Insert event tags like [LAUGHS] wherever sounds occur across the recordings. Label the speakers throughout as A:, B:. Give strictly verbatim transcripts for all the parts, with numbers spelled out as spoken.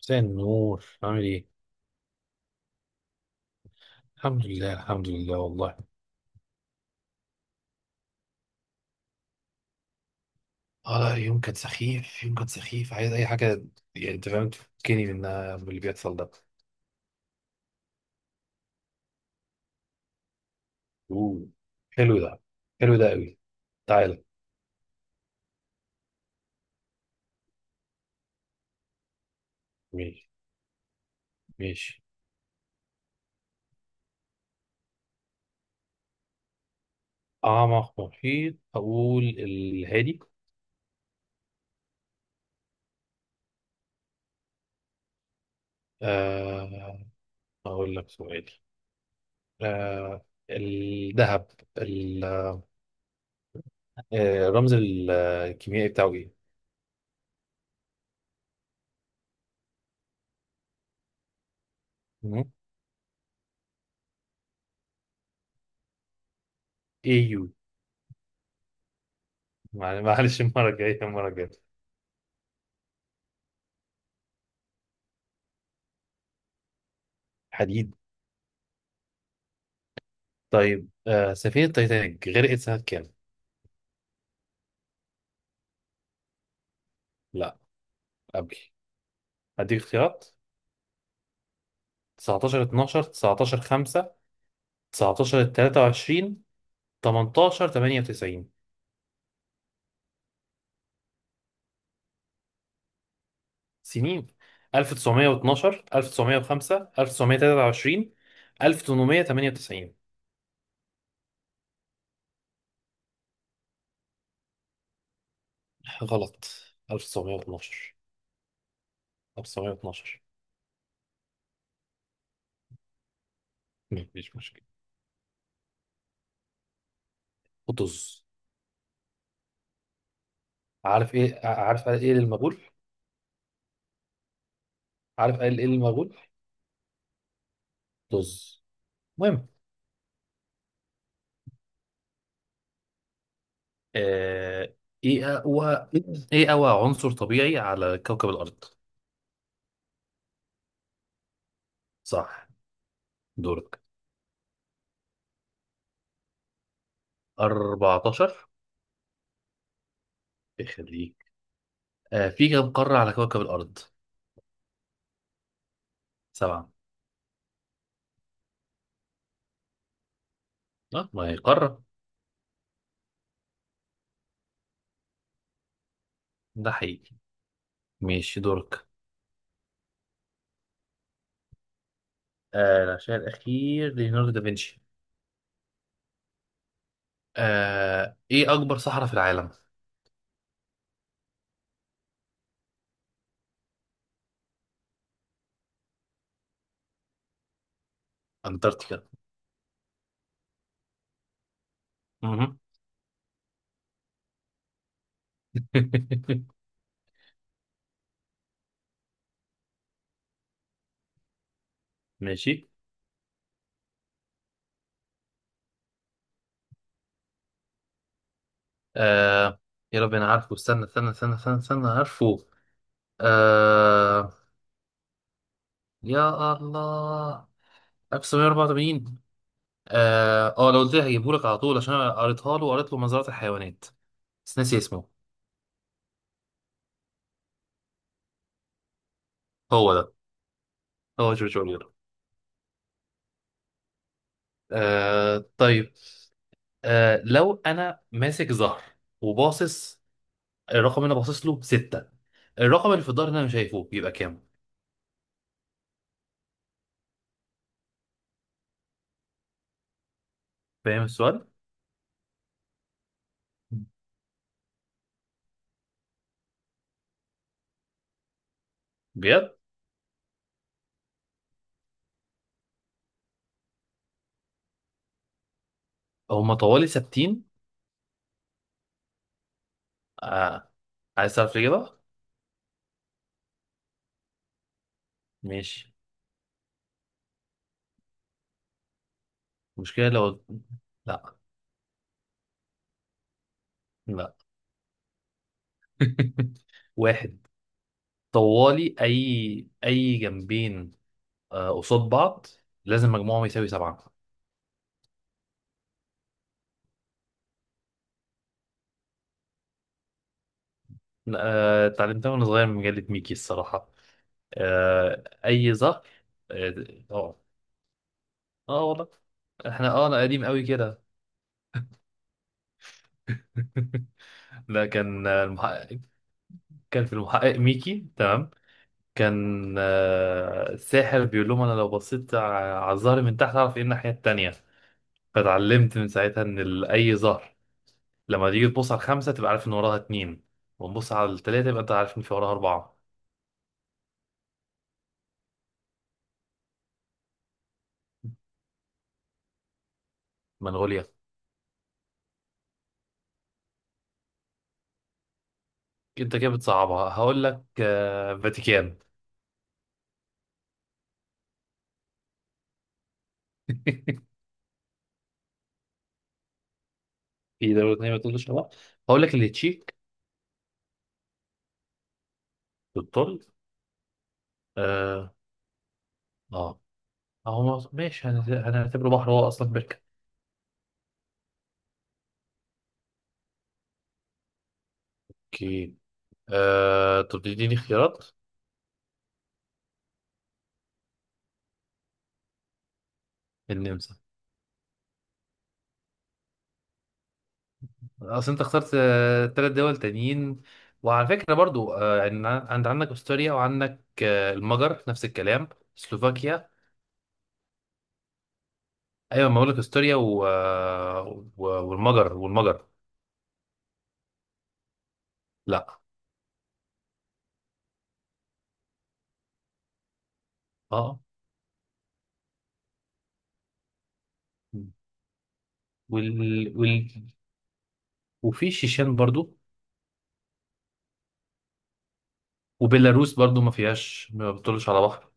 A: مساء النور، عامل ايه؟ الحمد لله، الحمد لله والله. اه لا، يوم كان سخيف، يوم كان سخيف. عايز اي حاجة يعني، انت فاهم؟ تفكني من من اللي بيحصل ده. اوه، حلو ده، حلو ده قوي. تعالى. ماشي ماشي. اعمق محيط اقول الهادي. آه اقول لك سؤال. آه الذهب ال- آه، الرمز الكيميائي بتاعه ايه؟ مم؟ ايه يو. معل- معلش، المرة الجاية المرة الجاية. حديد. طيب، آه سفينة تايتانيك غرقت سنة كام؟ لا، قبل. هديك اختيارات: تسعتاشر اتناشر، تسعتاشر خمسة، تسعة عشر تلاتة وعشرين، تمنتاشر تمنية وتسعين. سنين: ألف وتسعمئة واثني عشر، ألف وتسعمئة وخمسة، ألف وتسعمية وتلاتة وعشرين، ألف وتمنمية وتمنية وتسعين. غلط. ألف وتسعمية واتناشر. ألف وتسعمية واتناشر. مفيش مشكلة. طز. عارف ايه عارف ايه المغول؟ عارف ايه المغول؟ طز. المهم. آه، ايه اقوى ايه اقوى عنصر طبيعي على كوكب الارض؟ صح. دورك. أربعتاشر. يخليك. آه، في كم قارة على كوكب الارض؟ سبعة. اه ما هي قارة. ده حقيقي. ماشي. دورك. آه، العشاء الاخير ليوناردو دافنشي. آه، ايه اكبر صحراء في العالم؟ انتاركتيكا. مهم. [LAUGHS] ماشي. آه، يا رب انا عارفه، استنى استنى استنى استنى، استنى عارفه. آه، يا الله. ألف وتسعمية وأربعة وتمانين. اه آه، لو قلت لي هجيبهولك على طول، عشان انا قريتها له وقريت له مزرعة الحيوانات. بس ناسي اسمه. هو ده. هو جورج اورويل. آه طيب. آه لو انا ماسك زهر وباصص، الرقم اللي انا باصص له ستة. الرقم اللي في الظهر اللي انا مش شايفه بيبقى كام؟ فاهم السؤال؟ بجد. هما طوالي ثابتين. آه. عايز تعرف الإجابة؟ ماشي. المشكلة لو، لا. لا. [LAUGHS] واحد. طوالي، أي أي جنبين آه، قصاد بعض، لازم مجموعهم يساوي سبعة. آه، اتعلمتها وأنا صغير من مجلة ميكي الصراحة. آه، أي ظهر. اه. اه آه، والله. احنا اه انا قديم قوي كده. [LAUGHS] لا، كان آه، المحقق. كان في المحقق ميكي، تمام. كان آه، الساحر بيقول لهم انا لو بصيت ع- على الظهر من تحت اعرف ايه الناحية التانية. فتعلمت من ساعتها ان ال- اي ظهر لما تيجي تبص على الخمسة تبقى عارف ان وراها اتنين. ونبص على التلاتة يبقى انت عارف ان في وراها اربعة. منغوليا. انت كده بتصعبها، هقول لك آه فاتيكان. [LAUGHS] في دولة تانية، ما تقولش لا. هقول لك اللي تشيك. بالطول. اه. اه. هو ماشي، هنت- هنعتبره بحر، هو اصلا بركة. اوكي. آه طب تديني خيارات. النمسا. اصل انت اخترت آه تلات دول تانيين. وعلى فكرة برضو آه عن- عند عندك استوريا، وعندك آه المجر، نفس الكلام. سلوفاكيا. ايوه، ما بقول لك استوريا و، آه، و، والمجر والمجر. لا. اه. آه. وال، وفي شيشان برضو. وبيلاروس برضو ما فيهاش، ما بتطلش على بحر.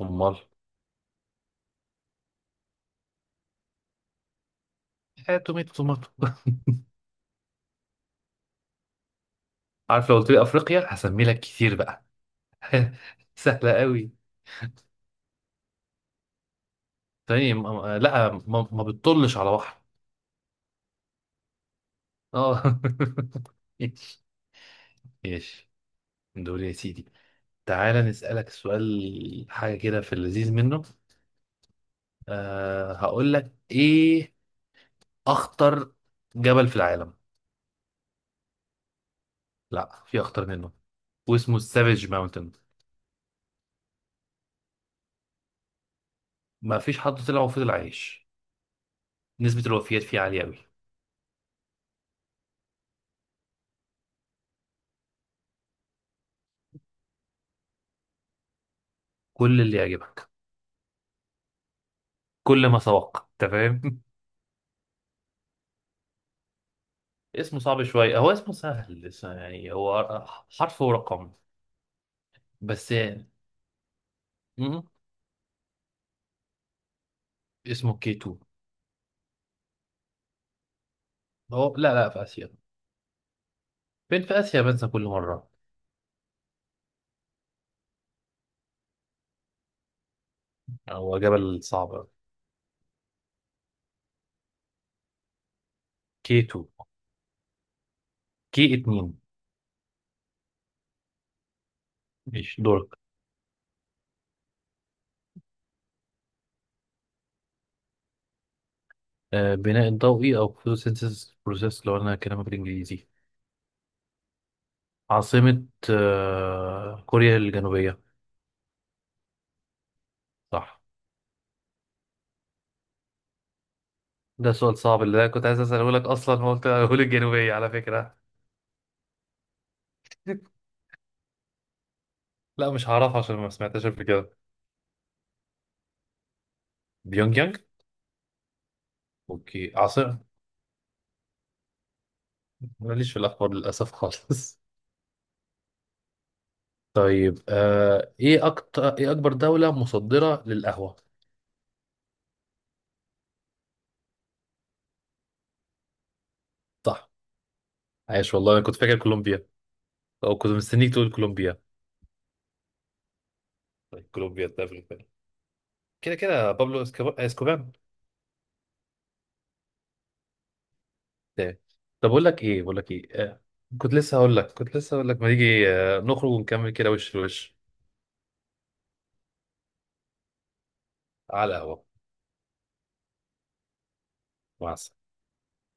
A: امال. [LAUGHS] آه، توميتو توماتو. [LAUGHS] عارف لو قلت لي افريقيا هسمي لك كتير بقى. [LAUGHS] سهله قوي. ثاني م- م- لا، ما, ما بتطلش على بحر. اه. [LAUGHS] ايش. ايش. دول يا سيدي. تعالى نسألك سؤال، حاجة كده في اللذيذ منه. أه، هقول لك ايه، اخطر جبل في العالم. لا، في اخطر منه، واسمه السافيج ماونتن. ما فيش حد طلع وفضل عايش، نسبة الوفيات فيه عالية أوي. كل اللي يعجبك. كل ما سبق أنت فاهم. [LAUGHS] اسمه صعب شوية، هو اسمه سهل بس يعني هو حرف ورقم. بس. م- اسمه كي اتنين. هو لا لا، في آسيا. فين في آسيا، بنسى كل مرة. هو جبل صعب. كي اتنين. كي اتنين. ماشي. دورك. آه بناء الضوئي أو photosynthesis process لو أنا كلامك بالإنجليزي. عاصمة آه كوريا الجنوبية. صح. ده سؤال صعب اللي أنا كنت عايز أسأله لك أصلا، هو قلت أقول الجنوبية على فكرة. لا، مش هعرفها عشان ما سمعتهاش قبل كده. بيونج يانج. اوكي. عاصمة. ماليش في الاخبار للاسف خالص. [LAUGHS] طيب آه ايه اكتر ايه اكبر دولة مصدرة للقهوة. صح. عايش والله، انا كنت فاكر كولومبيا. او كنت مستنيك تقول كولومبيا. طيب كولومبيا ده في الفيلم. كده كده بابلو اسكوب- اسكوبان. تمام. طب اقول لك ايه، بقول لك ايه. آه كنت لسه هقول لك كنت لسه هقول لك ما تيجي آه نخرج ونكمل كده وش لوش. على القهوة. مع السلامة.